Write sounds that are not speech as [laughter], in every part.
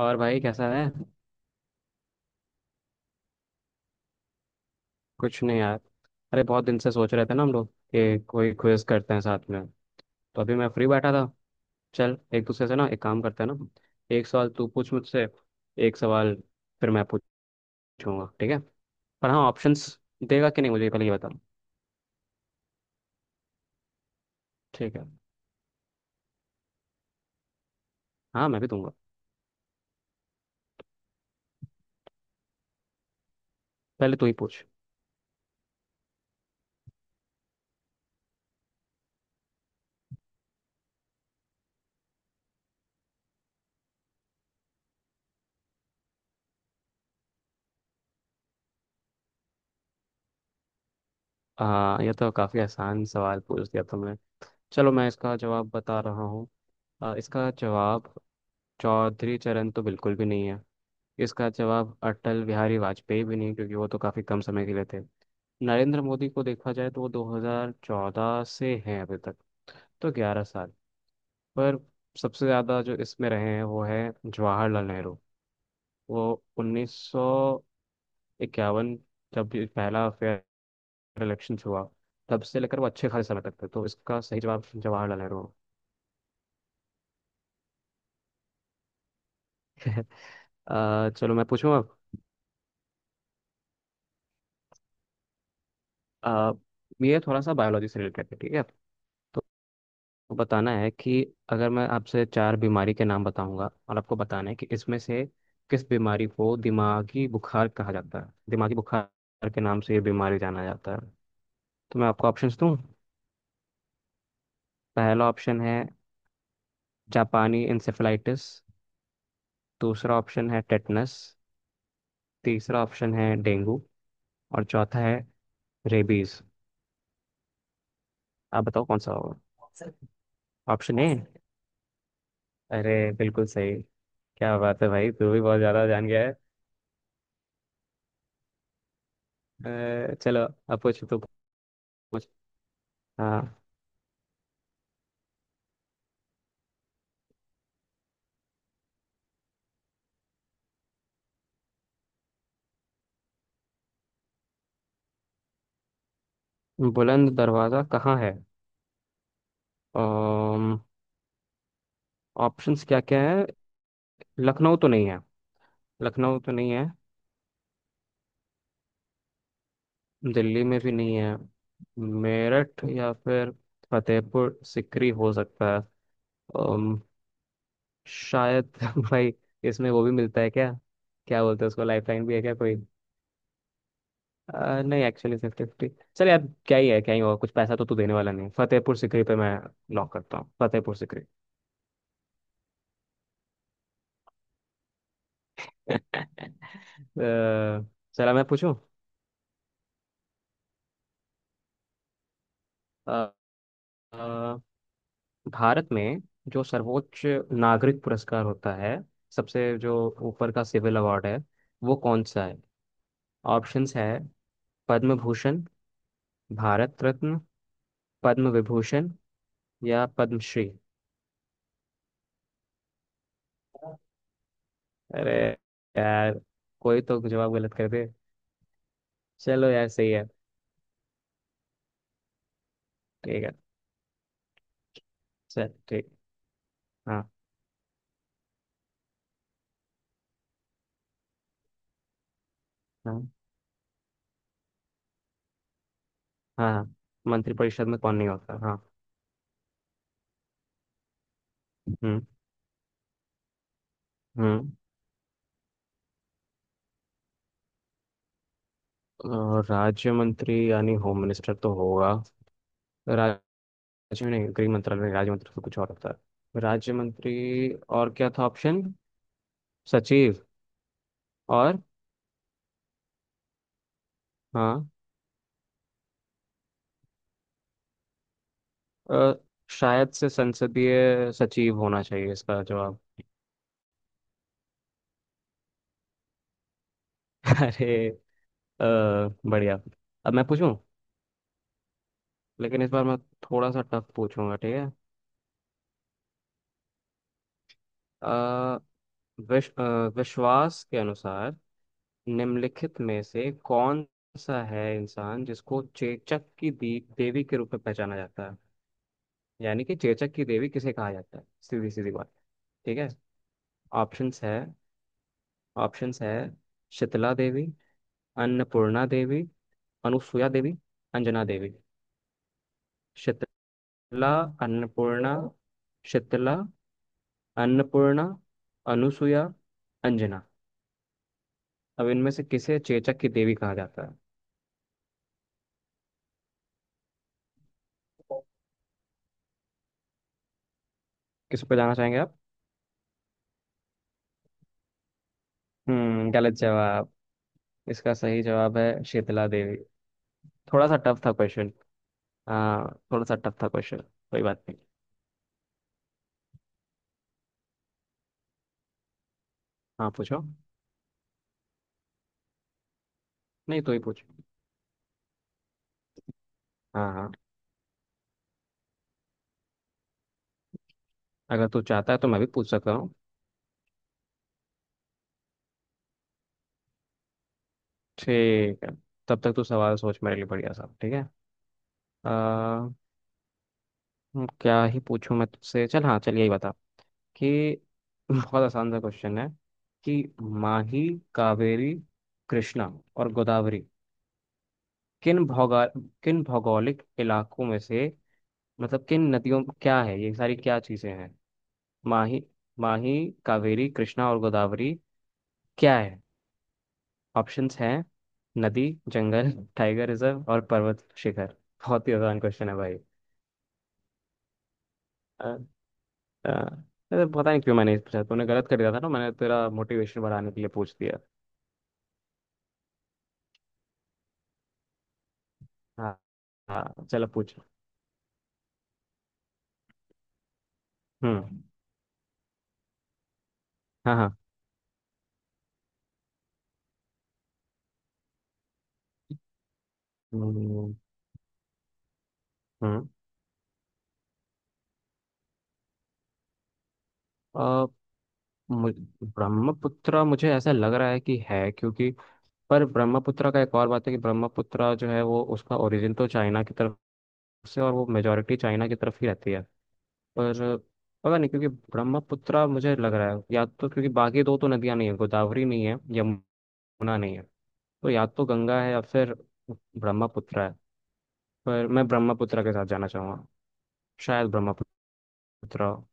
और भाई कैसा है। कुछ नहीं यार। अरे बहुत दिन से सोच रहे थे ना हम लोग कि कोई क्विज करते हैं साथ में। तो अभी मैं फ्री बैठा था। चल एक दूसरे से ना एक काम करते हैं ना, एक सवाल तू पूछ मुझसे। एक सवाल, फिर मैं पूछूंगा, ठीक है? पर हाँ, ऑप्शंस देगा कि नहीं मुझे पहले ये बता। ठीक है, हाँ मैं भी दूंगा। पहले तू ही पूछ। हाँ, ये तो काफ़ी आसान सवाल पूछ दिया तुमने। चलो मैं इसका जवाब बता रहा हूँ। इसका जवाब, चौधरी चरण तो बिल्कुल भी नहीं है। इसका जवाब अटल बिहारी वाजपेयी भी नहीं, क्योंकि वो तो काफ़ी कम समय के लिए थे। नरेंद्र मोदी को देखा जाए तो वो 2014 से हैं अभी तक, तो 11 साल। पर सबसे ज़्यादा जो इसमें रहे हैं वो है जवाहरलाल नेहरू। वो 1951, जब ये पहला फेयर इलेक्शन हुआ, तब से लेकर वो अच्छे खासे समय तक थे। तो इसका सही जवाब जवाहरलाल नेहरू। [laughs] चलो मैं पूछूं अब। अ, ये थोड़ा सा बायोलॉजी से रिलेटेड है, ठीक है? बताना है कि अगर मैं आपसे चार बीमारी के नाम बताऊंगा और आपको बताना है कि इसमें से किस बीमारी को दिमागी बुखार कहा जाता है, दिमागी बुखार के नाम से ये बीमारी जाना जाता है। तो मैं आपको ऑप्शंस दूं। पहला ऑप्शन है जापानी इंसेफेलाइटिस। दूसरा ऑप्शन है टेटनस। तीसरा ऑप्शन है डेंगू। और चौथा है रेबीज। आप बताओ कौन सा होगा। Option A. अरे बिल्कुल सही। क्या बात है भाई, तू भी बहुत ज्यादा जान गया है। चलो अब पूछ तो, पूछ। हाँ। बुलंद दरवाज़ा कहाँ है? ऑप्शंस क्या क्या है? लखनऊ तो नहीं है। लखनऊ तो नहीं है। दिल्ली में भी नहीं है। मेरठ या फिर फतेहपुर सिकरी हो सकता है। अम, शायद [laughs] भाई इसमें वो भी मिलता है क्या? क्या बोलते हैं उसको, लाइफलाइन भी है क्या कोई? नहीं, एक्चुअली फिफ्टी फिफ्टी चल यार, क्या ही है, क्या ही होगा, कुछ पैसा तो तू देने वाला नहीं है। फतेहपुर सिकरी पे मैं लॉक करता हूँ, फतेहपुर सिकरी। [laughs] अ, चला मैं पूछूं। अ, भारत में जो सर्वोच्च नागरिक पुरस्कार होता है, सबसे जो ऊपर का सिविल अवार्ड है, वो कौन सा है? ऑप्शंस है पद्म भूषण, भारत रत्न, पद्म विभूषण, या पद्मश्री। अरे यार, कोई तो जवाब गलत कर दे। चलो यार सही है। ठीक है। चल ठीक। हाँ, हाँ। हाँ। मंत्रिपरिषद में कौन नहीं होता, हाँ। हम्म। हम्म। और राज्य मंत्री यानी होम मिनिस्टर तो होगा। राज्य में नहीं, गृह मंत्रालय, राज्य मंत्री से कुछ और होता है, राज्य मंत्री। और क्या था ऑप्शन? सचिव और। हाँ। अ, शायद से संसदीय सचिव होना चाहिए इसका जवाब। [laughs] अरे। अ, बढ़िया। अब मैं पूछूं, लेकिन इस बार मैं थोड़ा सा टफ पूछूंगा, ठीक है? अ, विश, अ, विश्वास के अनुसार निम्नलिखित में से कौन सा है इंसान जिसको चेचक की देवी के रूप में पहचाना जाता है, यानी कि चेचक की देवी किसे कहा जाता है, सीधी सीधी बात। ठीक है। ऑप्शंस है ऑप्शंस है शीतला देवी, अन्नपूर्णा देवी, अनुसुया देवी, अंजना देवी। शीतला अन्नपूर्णा शीतला, अन्नपूर्णा, अनुसुया, अंजना। अब इनमें से किसे चेचक की देवी कहा जाता है? किस पे जाना चाहेंगे आप? हम्म, गलत जवाब। इसका सही जवाब है शीतला देवी। थोड़ा सा टफ था क्वेश्चन। हाँ, थोड़ा सा टफ था क्वेश्चन, कोई बात नहीं। हाँ पूछो। नहीं, तो ही पूछ। हाँ, हाँ। अगर तू चाहता है तो मैं भी पूछ सकता हूँ। ठीक है, तब तक तू सवाल सोच मेरे लिए, बढ़िया साहब, ठीक है? आ, हम्म, क्या ही पूछूं मैं तुझसे, चल, हाँ चल, यही बता कि [laughs] बहुत आसान सा क्वेश्चन है, कि माही, कावेरी, कृष्णा और गोदावरी किन भौगा किन भौगोलिक इलाकों में से, मतलब किन नदियों, क्या है ये सारी, क्या चीजें हैं? माही माही, कावेरी, कृष्णा और गोदावरी क्या है? ऑप्शंस हैं नदी, जंगल, टाइगर रिजर्व और पर्वत शिखर। बहुत ही आसान क्वेश्चन है भाई। अ, अ, अरे पता नहीं क्यों मैंने इस पूछा, तूने गलत कर दिया था ना, मैंने तेरा मोटिवेशन बढ़ाने के लिए पूछ दिया। हाँ। हाँ चलो पूछ। हम्म। हाँ, हाँ। हम्म। हम्म। अ, मु- ब्रह्मपुत्र मुझे ऐसा लग रहा है कि है, क्योंकि, पर ब्रह्मपुत्र का एक और बात है कि ब्रह्मपुत्र जो है वो उसका ओरिजिन तो चाइना की तरफ से, और वो मेजोरिटी चाइना की तरफ ही रहती है। पर पता नहीं, क्योंकि ब्रह्मपुत्र मुझे लग रहा है, या तो, क्योंकि बाकी दो तो नदियां नहीं है, गोदावरी नहीं है, यमुना नहीं है, तो या तो गंगा है या फिर ब्रह्मपुत्र है। पर मैं ब्रह्मपुत्र के साथ जाना चाहूंगा, शायद ब्रह्मपुत्र हो।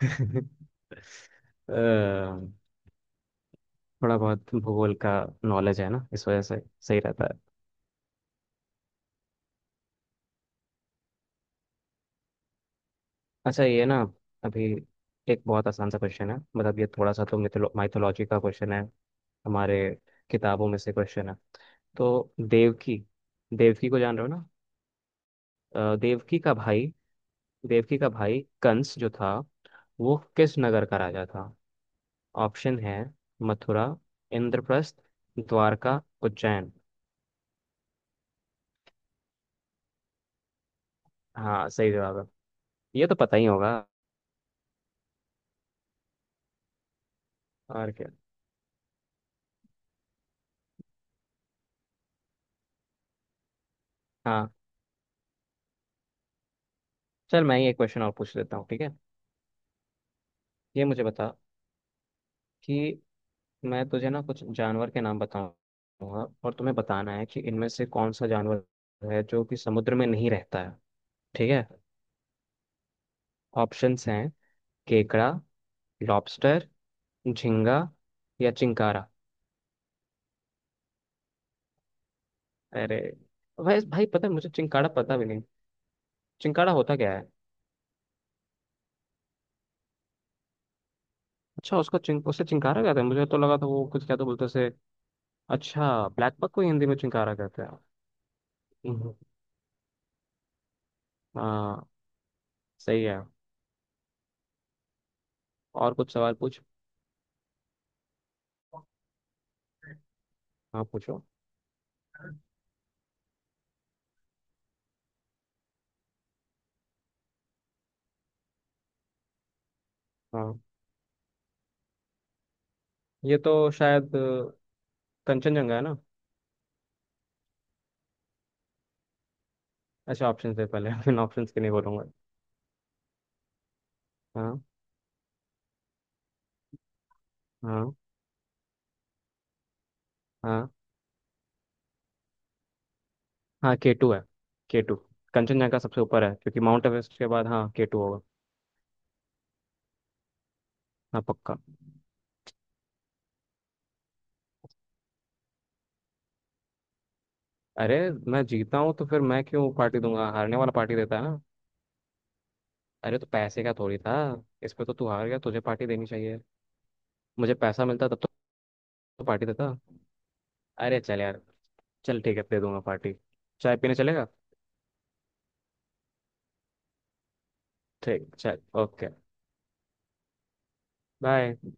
[laughs] अ, थोड़ा बहुत भूगोल का नॉलेज है ना, इस वजह से सही रहता है। अच्छा ये ना, अभी एक बहुत आसान सा क्वेश्चन है, मतलब ये थोड़ा सा तो मिथोलॉजी का क्वेश्चन है, हमारे किताबों में से क्वेश्चन है। तो देवकी, देवकी को जान रहे हो ना? देवकी का भाई, देवकी का भाई कंस जो था, वो किस नगर का राजा था? ऑप्शन है मथुरा, इंद्रप्रस्थ, द्वारका, उज्जैन। हाँ सही जवाब है। ये तो पता ही होगा। और क्या। हाँ, चल मैं ही एक क्वेश्चन और पूछ लेता हूँ, ठीक है? ये मुझे बता कि मैं तुझे ना कुछ जानवर के नाम बताऊंगा और तुम्हें बताना है कि इनमें से कौन सा जानवर है जो कि समुद्र में नहीं रहता है, ठीक है? ऑप्शंस हैं केकड़ा, लॉबस्टर, झींगा, या चिंकारा। अरे भाई भाई पता है मुझे, चिंकारा पता भी नहीं। चिंकारा होता क्या है? अच्छा, उसको चिंक, उसे चिंकारा कहते हैं, मुझे तो लगा था वो कुछ क्या तो बोलते से। अच्छा, ब्लैक बक को ही हिंदी में चिंकारा कहते हैं। हम्म, हाँ, सही है। और कुछ सवाल पूछ। हाँ पूछो। हाँ, ये तो शायद कंचनजंगा है ना। अच्छा ऑप्शन दे पहले, [laughs] मैं ऑप्शन के नहीं बोलूंगा। हाँ। हाँ। हाँ। हाँ K2 है, K2। कंचनजंगा सबसे ऊपर है, क्योंकि माउंट एवरेस्ट के बाद, हाँ, K2 होगा। हाँ पक्का। अरे मैं जीता हूँ तो फिर मैं क्यों पार्टी दूंगा, हारने वाला पार्टी देता है ना। अरे तो पैसे का थोड़ी था, इस पे तो तू हार गया, तुझे पार्टी देनी चाहिए। मुझे पैसा मिलता तब तो पार्टी देता। अरे चल यार, चल ठीक है, दे दूंगा पार्टी। चाय पीने चलेगा? ठीक, चल, ओके। बाय।